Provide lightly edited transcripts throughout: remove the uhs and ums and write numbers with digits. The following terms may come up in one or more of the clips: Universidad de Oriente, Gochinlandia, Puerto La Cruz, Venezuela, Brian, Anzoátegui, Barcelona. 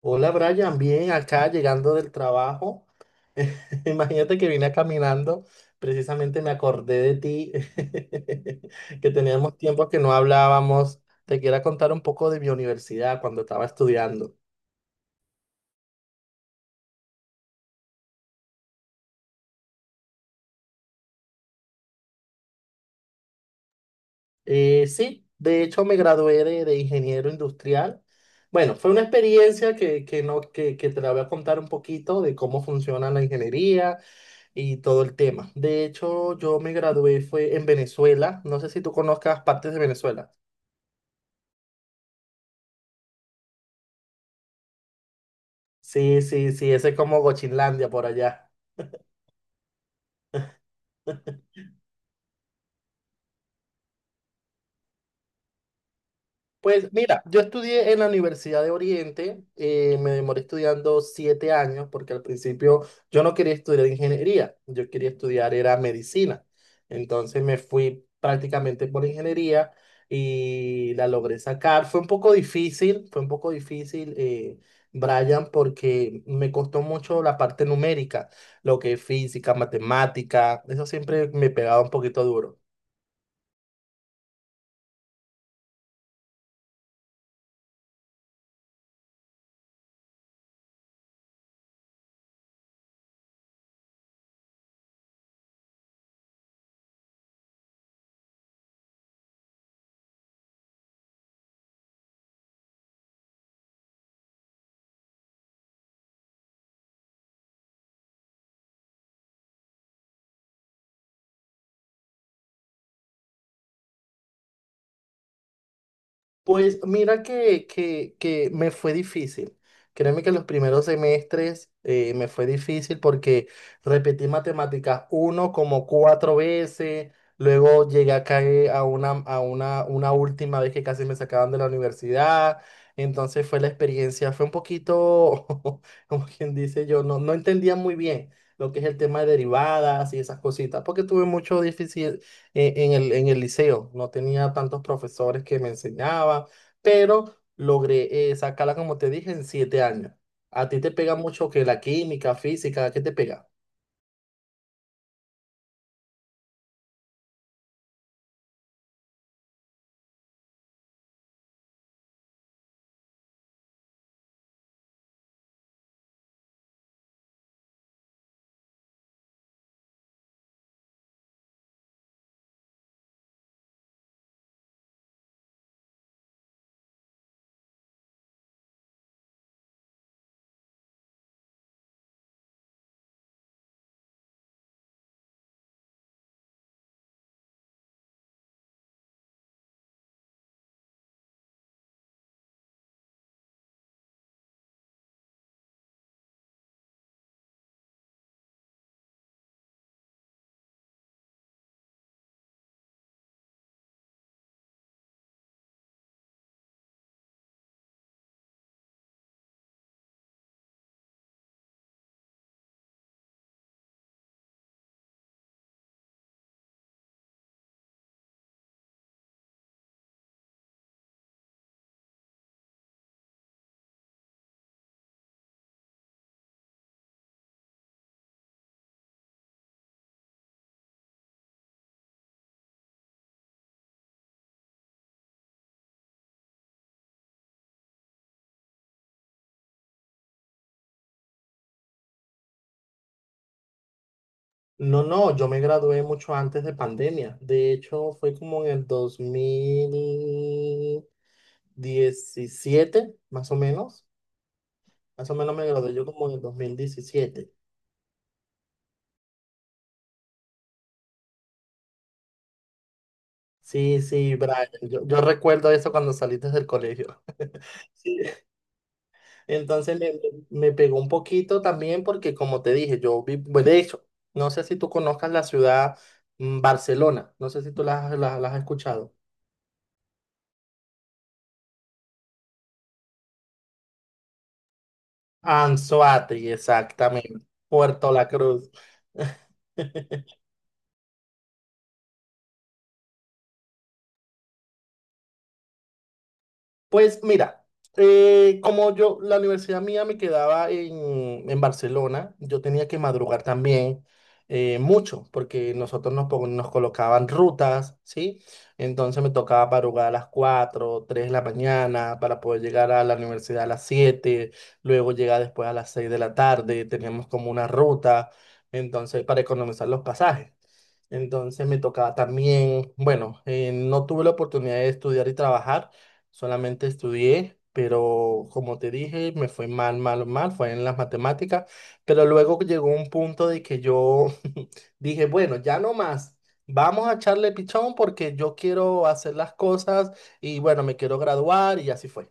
Hola Brian, bien acá llegando del trabajo. Imagínate que vine caminando, precisamente me acordé de ti, que teníamos tiempo que no hablábamos. Te quiero contar un poco de mi universidad cuando estaba estudiando. Sí, de hecho me gradué de ingeniero industrial. Bueno, fue una experiencia que, no, que te la voy a contar un poquito de cómo funciona la ingeniería y todo el tema. De hecho, yo me gradué fue en Venezuela. ¿No sé si tú conozcas partes de Venezuela? Sí, sí, sí, ese es como Gochinlandia por allá. Pues mira, yo estudié en la Universidad de Oriente, me demoré estudiando 7 años porque al principio yo no quería estudiar ingeniería, yo quería estudiar era medicina. Entonces me fui prácticamente por ingeniería y la logré sacar. Fue un poco difícil, fue un poco difícil, Brian, porque me costó mucho la parte numérica, lo que es física, matemática, eso siempre me pegaba un poquito duro. Pues mira que me fue difícil. Créeme que los primeros semestres me fue difícil porque repetí matemáticas uno como 4 veces, luego llegué a caer a una, a una última vez que casi me sacaban de la universidad. Entonces fue la experiencia, fue un poquito, como quien dice yo, no entendía muy bien lo que es el tema de derivadas y esas cositas, porque tuve mucho difícil, en el liceo. No tenía tantos profesores que me enseñaban, pero logré sacarla, como te dije, en 7 años. ¿A ti te pega mucho que la química, física, qué te pega? No, no, yo me gradué mucho antes de pandemia. De hecho, fue como en el 2017 más o menos. Más o menos me gradué yo como en el dos mil diecisiete. Sí, sí, Brian. Yo recuerdo eso cuando saliste del colegio. Entonces le- Me pegó un poquito también porque, como te dije, yo vi, bueno, de hecho, no sé si tú conozcas la ciudad Barcelona, no sé si tú la has escuchado. Anzoátegui, exactamente. Puerto La Cruz. Pues mira, como yo, la universidad mía me quedaba en Barcelona, yo tenía que madrugar también mucho, porque nosotros nos colocaban rutas, ¿sí? Entonces me tocaba madrugar a las 4, 3 de la mañana para poder llegar a la universidad a las 7. Luego llegar después a las 6 de la tarde, teníamos como una ruta, entonces para economizar los pasajes. Entonces me tocaba también, bueno, no tuve la oportunidad de estudiar y trabajar. Solamente estudié, pero como te dije, me fue mal, mal, mal, fue en las matemáticas, pero luego llegó un punto de que yo dije, bueno, ya no más, vamos a echarle pichón porque yo quiero hacer las cosas y bueno, me quiero graduar y así fue.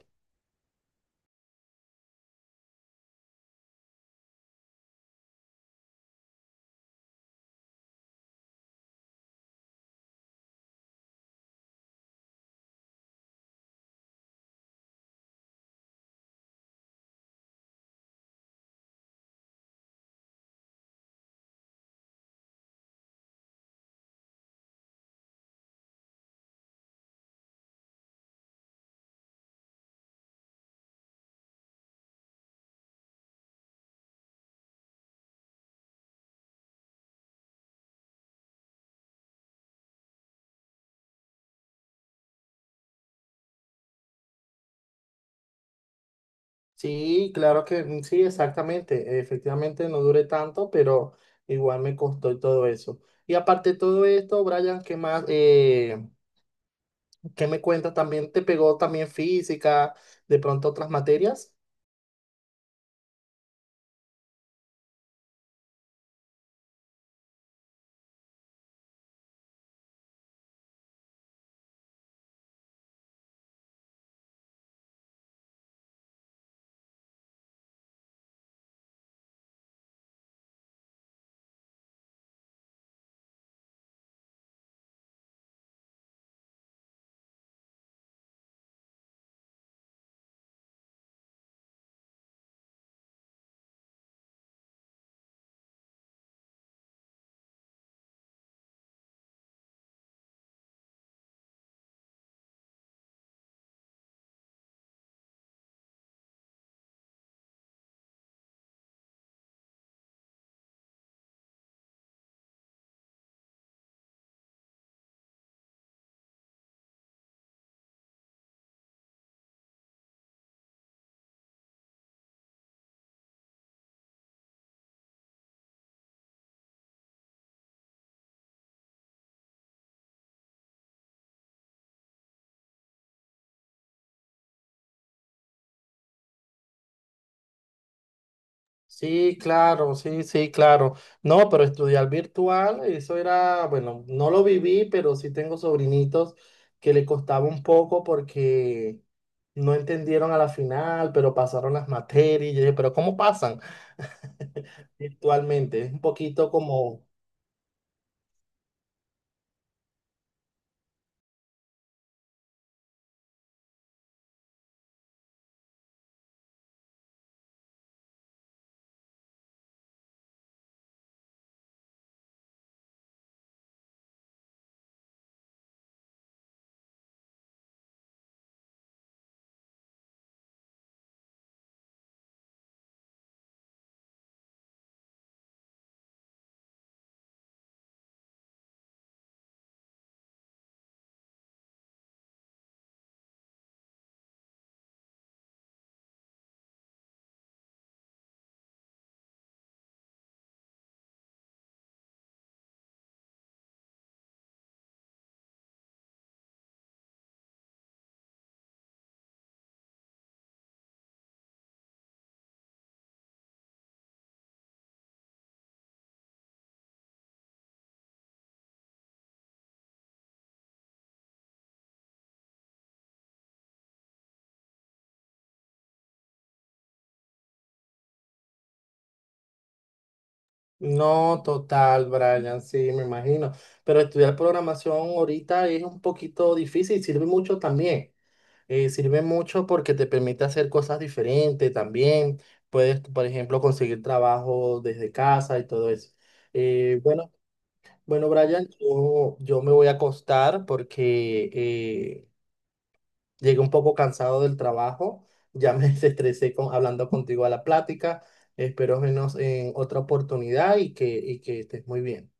Sí, claro que mm, sí, exactamente, efectivamente no duré tanto, pero igual me costó y todo eso. Y aparte de todo esto, Brian, ¿qué más? ¿Qué me cuentas? ¿También te pegó también física, de pronto otras materias? Sí, claro, sí, sí, claro. No, pero estudiar virtual, eso era, bueno, no lo viví, pero sí tengo sobrinitos que le costaba un poco porque no entendieron a la final, pero pasaron las materias. Y yo dije, pero ¿cómo pasan virtualmente? Es un poquito como, no, total, Brian, sí, me imagino. Pero estudiar programación ahorita es un poquito difícil, sirve mucho también. Sirve mucho porque te permite hacer cosas diferentes también. Puedes, por ejemplo, conseguir trabajo desde casa y todo eso. Bueno, bueno, Brian, yo me voy a acostar porque llegué un poco cansado del trabajo. Ya me desestresé con, hablando contigo a la plática. Espero vernos en otra oportunidad y que estés muy bien.